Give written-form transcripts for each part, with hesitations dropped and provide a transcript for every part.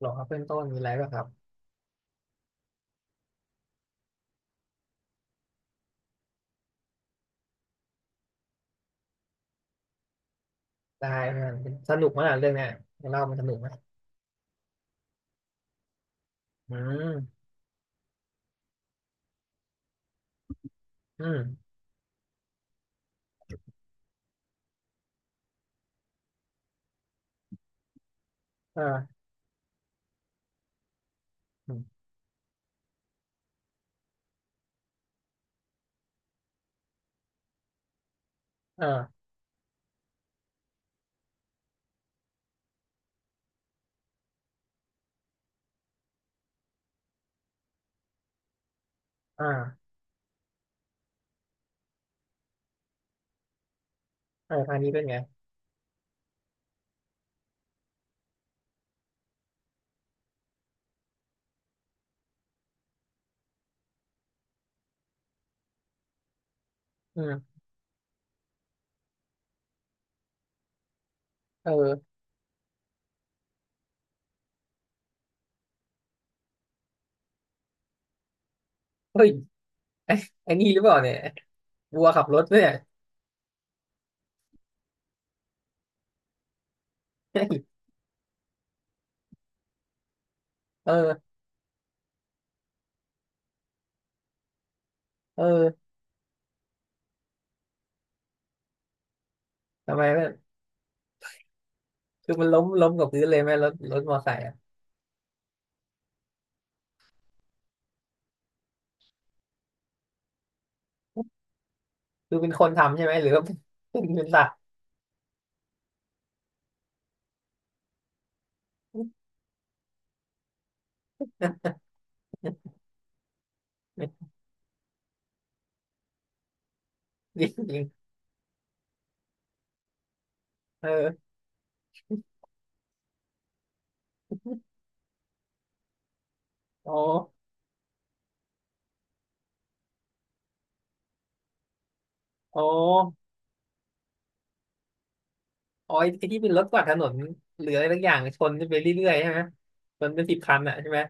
หรอครับเพื่อนต้นมีอะไรป่ะครับได้มันสนุกมากเรื่องเนี้ยเล่ามันสนุกไหมอืมอืมเอออืมเอออ่าเอออันนี้เป็นไงอืมเออเฮ้ยไอ้นี่หรือเปล่าเนี่ยวัวขับรถเนี่ย เ้ยเออเออทำไมมันคือมันล้มกับพื้นเลยไหมรถมอไซค์อ่ะคือเป็นคนทำใช่ไหมหรือว่าเป็นเป็นสัตว์จริงจริงเอออ๋ออ๋ออ๋อไอ้ที่เป็นรถกวาดถนนหรืออะไรสักอย่างชนไปเรื่อยๆใช่ไหมชนเป็นสิบคันอ่ะใช่ไหม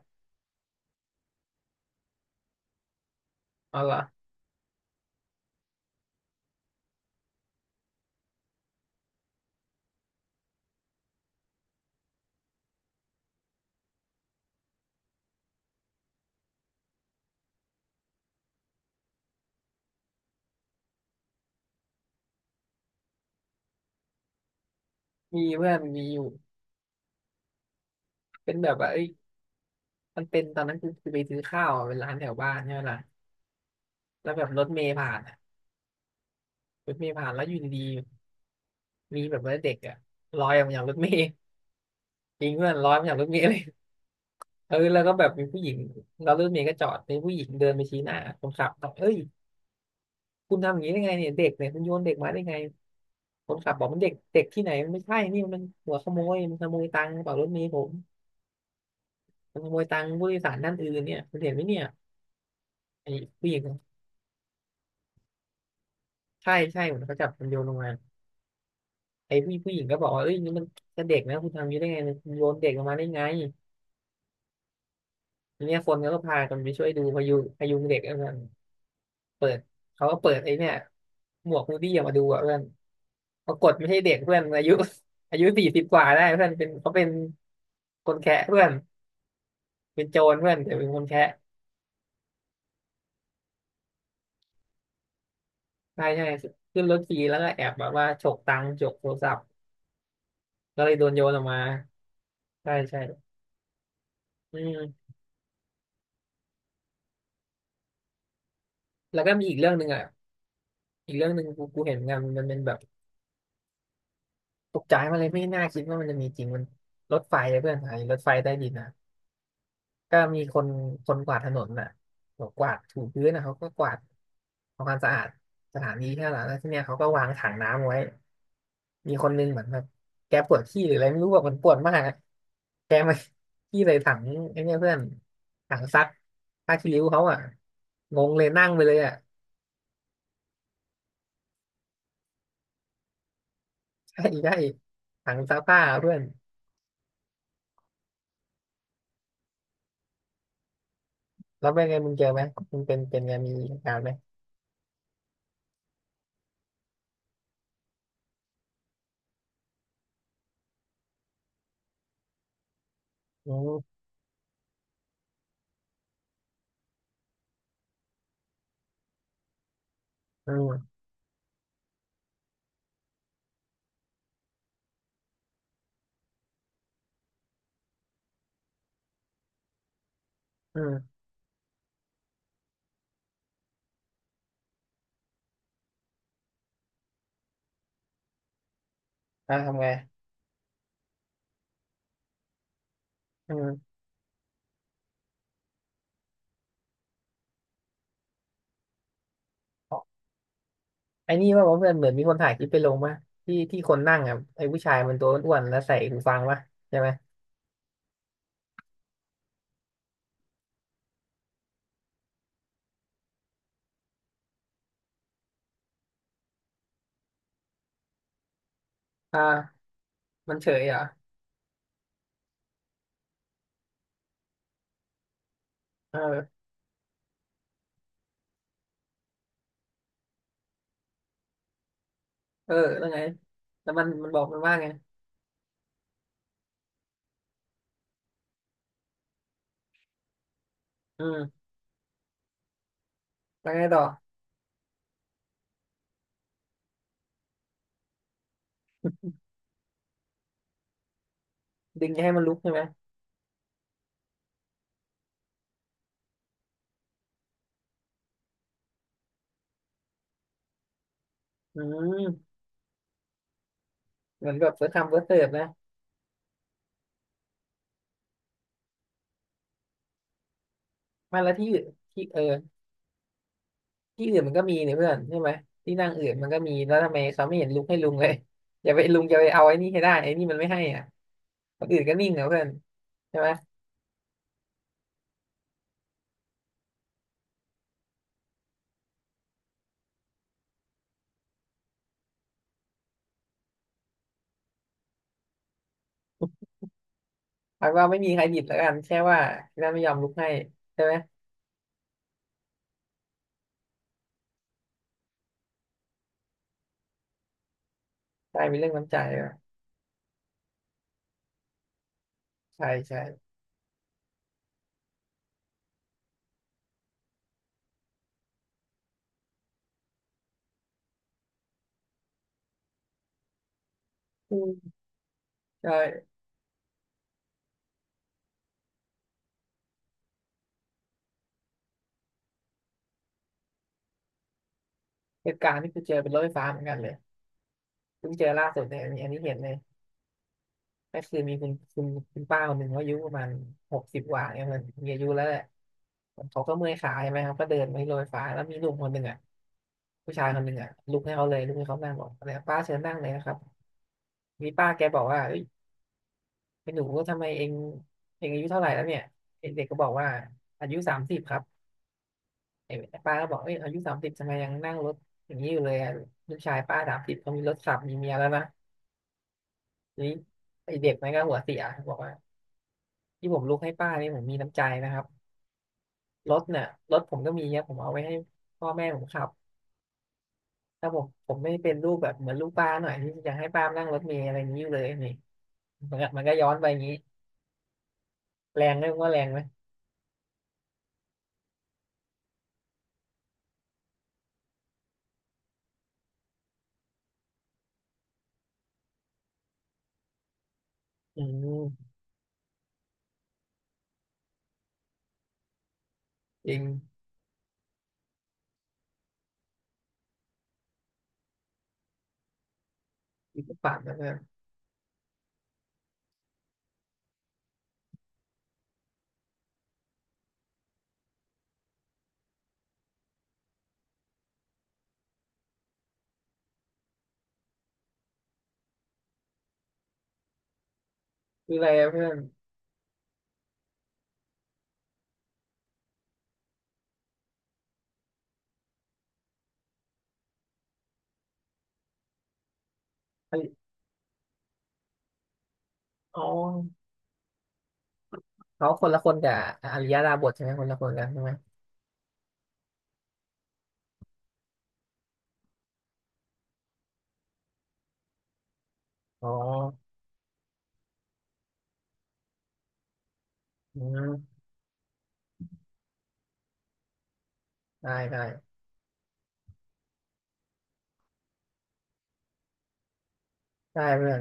อ๋อเหรอมีเพื่อนมีอยู่เป็นแบบว่าเอ้ยมันเป็นตอนนั้นคือไปซื้อข้าวอะเป็นร้านแถวบ้านใช่ไหมล่ะแล้วแบบรถเมล์ผ่านอะรถเมล์ผ่านแล้วอยู่ดีๆมีแบบว่าเด็กอะลอยออกมาจากรถเมล์จริงเพื่อนลอยออกมาจากรถเมล์เลยเออแล้วก็แบบมีผู้หญิงแล้วรถเมล์ก็จอดมีผู้หญิงเดินไปชี้หน้าคนขับบอกเอ้ยคุณทำอย่างนี้ได้ไงเนี่ยเด็กเนี่ยคุณโยนเด็กมาได้ไงคนขับบอกมันเด็กเด็กที่ไหนมันไม่ใช่นี่มันหัวขโมยมันขโมยตังค์กระเป๋ารถเมล์ผมมันขโมยตังค์ผู้โดยสารท่านอื่นเนี่ยคุณเห็นไหมเนี่ยไอ้ผู้หญิง ใช่ใช่เหมือนเขาจับมันโยนลงมาไอ้ผู้หญิงก็บอกว่าเอ้ยนี่มันจะเด็กนะคุณทำอยังนี้ได้ไงคุณโยนเด็กลงมาได้ไงทีเนี้ยคนก็พากันไปช่วยดูพยุงเด็กเพื่อนเปิดเขาก็เปิดไอ้เนี่ยหมวกฮูดี้ออกมาดูอ่ะเพื่อนปรากฏไม่ใช่เด็กเพื่อนอายุสี่สิบกว่าได้เพื่อนเป็นเขาเป็นคนแคะเพื่อนเป็นโจรเพื่อนแต่เป็นคนแคะใช่ใช่ขึ้นรถขี่แล้วก็แอบแบบว่าฉกตังค์ฉกโทรศัพท์ก็เลยโดนโยนออกมาใช่ใช่อืมแล้วก็มีอีกเรื่องหนึ่งอ่ะอีกเรื่องหนึ่งกูเห็นงานมันเป็นแบบ ตกใจมาเลยไม่น่าคิดว่ามันจะมีจริงมันรถไฟอะเพื่อนไอ้รถไฟใต้ดินนะก็มีคนคนกวาดถนนน่ะบอกกวาดถูพื้นนะเขาก็กวาดทำความสะอาดสถานีแค่นั้นแล้วที่เนี้ยเขาก็วางถังน้ำไว้มีคนนึงเหมือนแบบแกปวดขี้หรืออะไรไม่รู้แบบมันปวดมากอะแกมาขี้เลยถังไอ้เนี่ยเพื่อนถังซักผ้าคีริ้วเขาอ่ะงงเลยนั่งไปเลยอ่ะใช่ใช่ถังซักผ้าเพื่อนแล้วเป็นไงมึงเจอไหมมึงเป็นไงมีเหตุการณ์ไหมอืม อืมอืมอ่ะทำไงอืมไอ้นี่ว่าเพื่อนเหมือนมีคนถ่ายคลิปไปลงป่ะที่คนนั่งอ่ะไอ้ผู้ชายมันตัวอ้วนๆแล้วใส่หูฟังป่ะใช่ไหมอ่ามันเฉยเหรอเออเออแล้วไงแล้วมันบอกมันว่าไงอืมแล้วไงต่อดึงจะให้มันลุกใช่ไหมอืมเหมือนกับเฟิร์สคัมเฟิร์สเสิร์ฟนะไมาแล้วที่อื่นที่เออที่อื่นมันก็มีเนี่ยเพื่อนใช่ไหมที่นั่งอื่นมันก็มีแล้วทำไมเขาไม่เห็นลุกให้ลุงเลยอย่าไปลุงอย่าไปเอาไอ้นี่ให้ได้ไอ้นี่มันไม่ให้อ่ะคนอื่นก็นิ่งนะเพื่อนใช่ไหม พักว่าไม่มีใครผิดแล้วกันแค่ว่าที่นั่นไม่ยอมลุกให้ใช่ไหมใช่มีเรื่องน้ำใจเหรอใช่ใช่อืมใช่เหตุการณ์ที่กูเจอเป็นรถไฟฟ้าเหมือนกันเลยเพิ่งเจอล่าสุดเนี่ยอันนี้เห็นเลยก็คือมีคุณคุณป้าคนหนึ่งเขาอายุประมาณหกสิบกว่าเนี่ยมันมีอายุแล้วแหละเขาก็เมื่อยขาใช่ไหมครับก็เดินไปที่รถไฟฟ้าแล้วมีหนุ่มคนหนึ่งอ่ะผู้ชายคนหนึ่งอ่ะลุกให้เขาเลยลุกให้เขานั่งบอกอะไรป้าเชิญนั่งเลยนะครับมีป้าแกบอกว่าเอ้ยเป็นหนูทำไมเองอายุเท่าไหร่แล้วเนี่ยเด็กๆก็บอกว่าอายุสามสิบครับ ไอ้ป้าก็บอกเอ้ยอายุสามสิบทำไมยังนั่งรถอย่างนี้อยู่เลยอะลูกชายป้าสามสิบเขามีรถขับมีเมียแล้วนะทีนี้ไอ้เด็กมันก็หัวเสียบอกว่าที่ผมลุกให้ป้านี่ผมมีน้ำใจนะครับรถเนี่ยรถผมก็มีเนยผมเอาไว้ให้พ่อแม่ผมขับถ้าผมไม่เป็นลูกแบบเหมือนลูกป้าหน่อยที่อยากให้ป้านั่งรถเมล์อะไรอย่างนี้อยู่เลยนี่มันก็ย้อนไปอย่างนี้แรงไหมว่าแรงไหมอืมจริงอีกฝันนะเพื่อนคืออะไรอะเพื่อนอริอ๋อเขาคนละคนกับอริยดาบทใช่ไหมคนละคนกันใช่ไหม อ๋ออืมได้ได้ได้เพื่อน